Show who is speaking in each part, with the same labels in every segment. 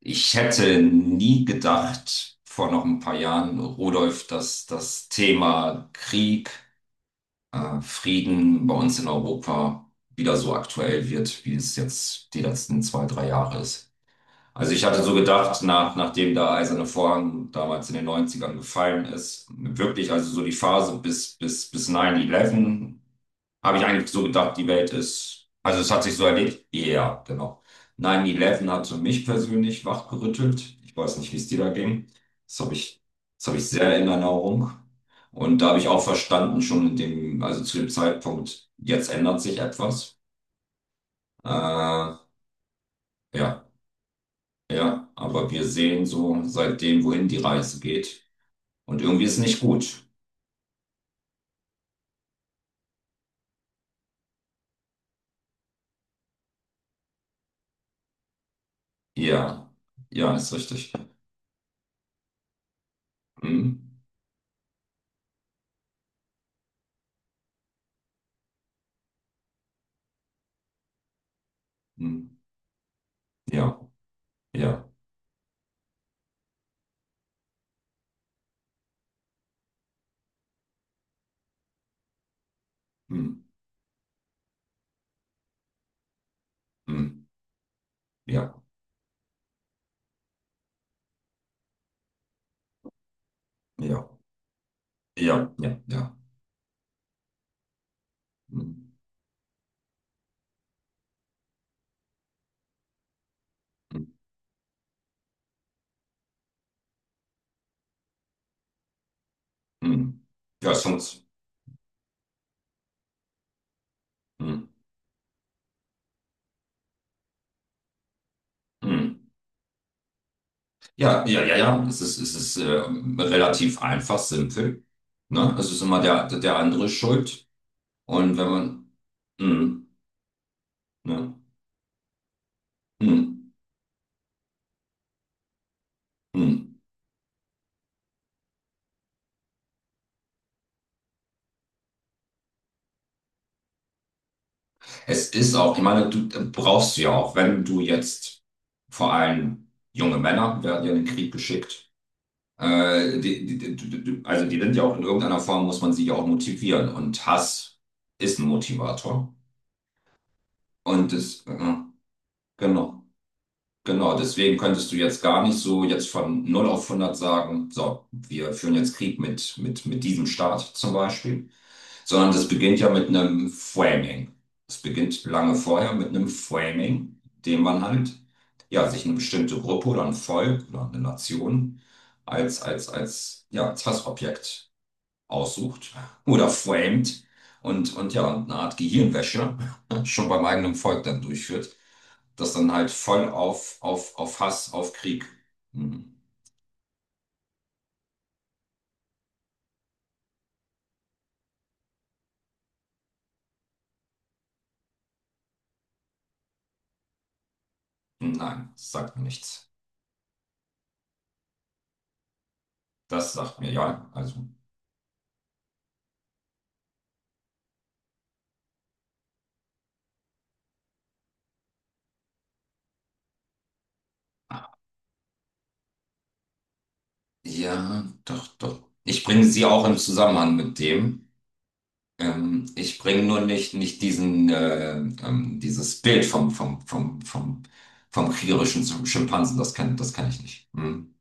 Speaker 1: Ich hätte nie gedacht, vor noch ein paar Jahren, Rudolf, dass das Thema Krieg, Frieden bei uns in Europa wieder so aktuell wird, wie es jetzt die letzten zwei, drei Jahre ist. Also ich hatte so gedacht, nachdem der Eiserne Vorhang damals in den Neunzigern gefallen ist, wirklich, also so die Phase bis 9-11, habe ich eigentlich so gedacht, die Welt ist, also es hat sich so erledigt. Ja, genau. 9-11 hat für mich persönlich wachgerüttelt. Ich weiß nicht, wie es dir da ging. Das habe ich, Das habe ich sehr in Erinnerung. Und da habe ich auch verstanden, schon in dem, also zu dem Zeitpunkt, jetzt ändert sich etwas. Äh, ja, ja, aber wir sehen so seitdem, wohin die Reise geht. Und irgendwie ist nicht gut. Ja, ja, ist richtig. Hm, hm, ja, ja, hm, hm, ja, ja, ja, ja, ja. Hm, hm, hm. Ja, es funktioniert. Hm, hm. Ja, ja, ja, ja. Es ist relativ einfach, simpel. Ne? Es ist immer der, der andere schuld. Und wenn man. Hm, ne? Hm, hm. Es ist auch, ich meine, du brauchst du ja auch, wenn du jetzt vor allem junge Männer werden ja in den Krieg geschickt. Also die sind ja auch in irgendeiner Form, muss man sie ja auch motivieren. Und Hass ist ein Motivator. Und es, äh, genau, genau. Deswegen könntest du jetzt gar nicht so jetzt von null auf hundert sagen, so, wir führen jetzt Krieg mit diesem Staat zum Beispiel. Sondern das beginnt ja mit einem Framing. Es beginnt lange vorher mit einem Framing, dem man halt ja, sich eine bestimmte Gruppe oder ein Volk oder eine Nation ja, als Hassobjekt aussucht oder framed und ja, und eine Art Gehirnwäsche schon beim eigenen Volk dann durchführt, das dann halt voll auf Hass, auf Krieg. Hm. Nein, das sagt mir nichts. Das sagt mir ja, also ja, doch, doch. Ich bringe sie auch im Zusammenhang mit dem. Ich bringe nur nicht diesen, dieses Bild vom kriegerischen Schimpansen. Das kann ich nicht. Hm.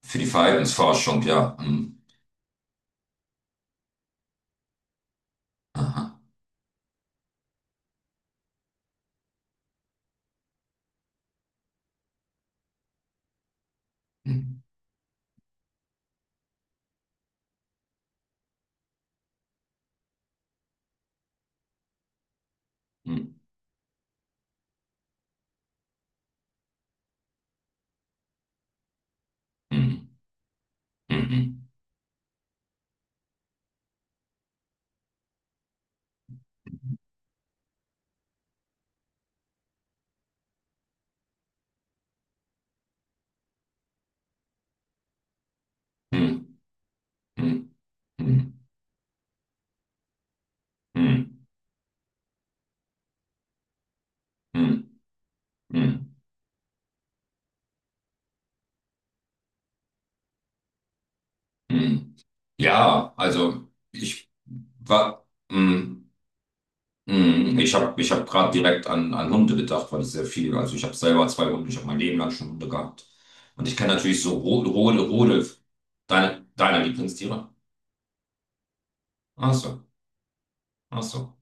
Speaker 1: Für die Verhaltensforschung, ja. Hm. Aha. Hm. Hm. Hm. Hm. Hm. Hm. Hm. Hm. Hm. Hm. Hm. Hm. Ja, also ich war. Hm. Mhm. Ich hab gerade direkt an Hunde gedacht, weil ich sehr viel, also ich habe selber zwei Hunde, ich habe mein Leben lang schon Hunde gehabt. Und ich kenne natürlich so deine, deine Lieblingstiere. Ach so, ach so.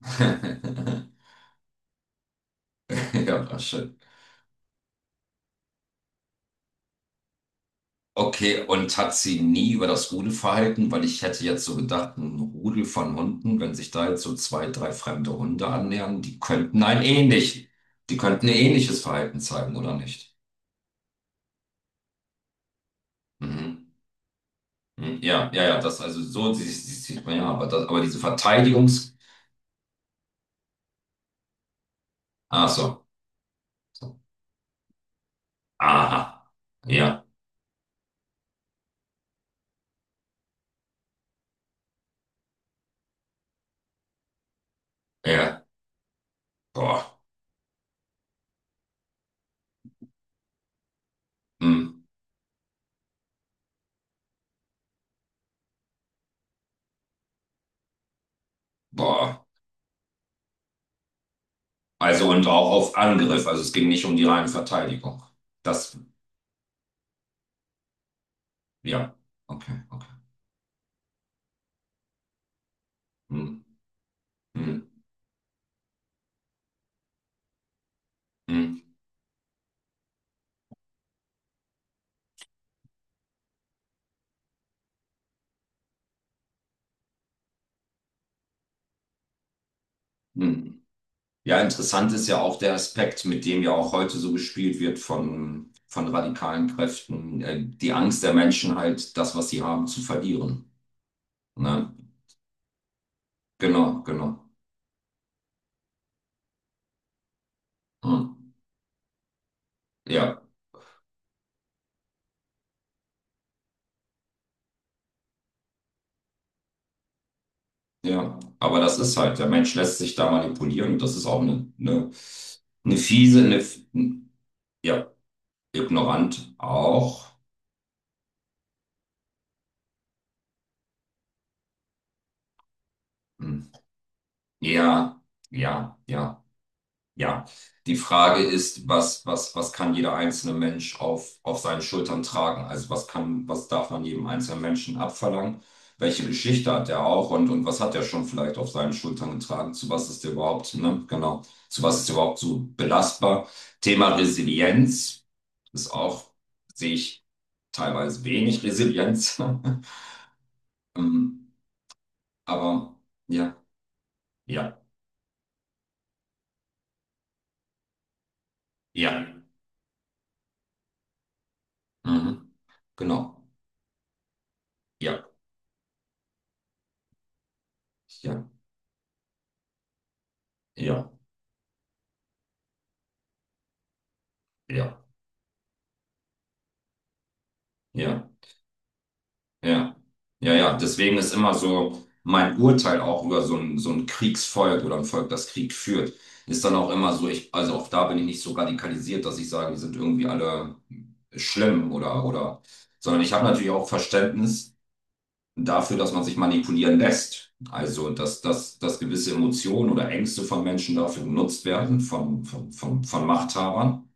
Speaker 1: Ja, war schön. Okay, und hat sie nie über das Rudelverhalten, weil ich hätte jetzt so gedacht, ein Rudel von Hunden, wenn sich da jetzt so zwei, drei fremde Hunde annähern, die könnten ein ähnliches Verhalten zeigen, oder nicht? Mhm. Hm, ja, ja, ja, das, also so sieht man ja, aber, das, aber diese Verteidigungs. Ach so. So, aha. Ja, ja. Boah. Hm, boah. Also und auch auf Angriff. Also es ging nicht um die reine Verteidigung. Das, ja. Okay, okay. Hm, hm, hm, hm. Ja, interessant ist ja auch der Aspekt, mit dem ja auch heute so gespielt wird von radikalen Kräften, die Angst der Menschen halt, das, was sie haben, zu verlieren. Ne? Genau, genau. Hm. Ja. Ja, aber das ist halt, der Mensch lässt sich da manipulieren und das ist auch eine fiese, eine, ja, ignorant auch. Hm. Ja, ja, ja. Ja, die Frage ist, was kann jeder einzelne Mensch auf seinen Schultern tragen? Also was kann, was darf man jedem einzelnen Menschen abverlangen? Welche Geschichte hat er auch und was hat er schon vielleicht auf seinen Schultern getragen? Zu was ist er überhaupt, ne? Genau. Zu was ist er überhaupt so belastbar? Thema Resilienz ist auch, sehe ich teilweise wenig Resilienz. Ähm, aber ja, ja, ja. Mhm. Genau. Ja, ja, ja, ja, ja, ja. Ja, ja, ja. Deswegen ist immer so mein Urteil auch über so ein Kriegsvolk oder ein Volk, das Krieg führt, ist dann auch immer so, ich, also auch da bin ich nicht so radikalisiert, dass ich sage, die sind irgendwie alle schlimm sondern ich habe natürlich auch Verständnis dafür, dass man sich manipulieren lässt. Also, dass gewisse Emotionen oder Ängste von Menschen dafür genutzt werden, von Machthabern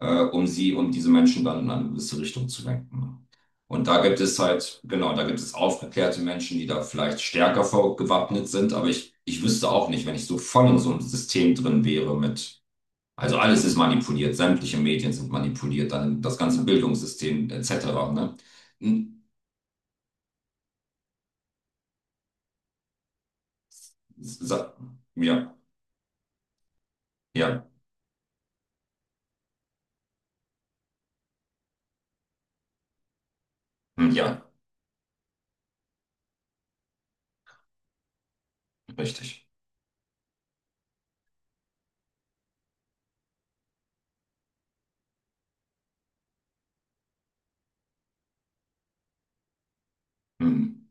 Speaker 1: um sie, um diese Menschen dann in eine gewisse Richtung zu lenken. Und da gibt es halt, genau, da gibt es aufgeklärte Menschen, die da vielleicht stärker vorgewappnet sind, aber ich wüsste auch nicht, wenn ich so voll in so einem System drin wäre mit, also alles ist manipuliert, sämtliche Medien sind manipuliert, dann das ganze Bildungssystem etc., ne? Hm, sa- Ja, ja, hm, ja, richtig. Hm.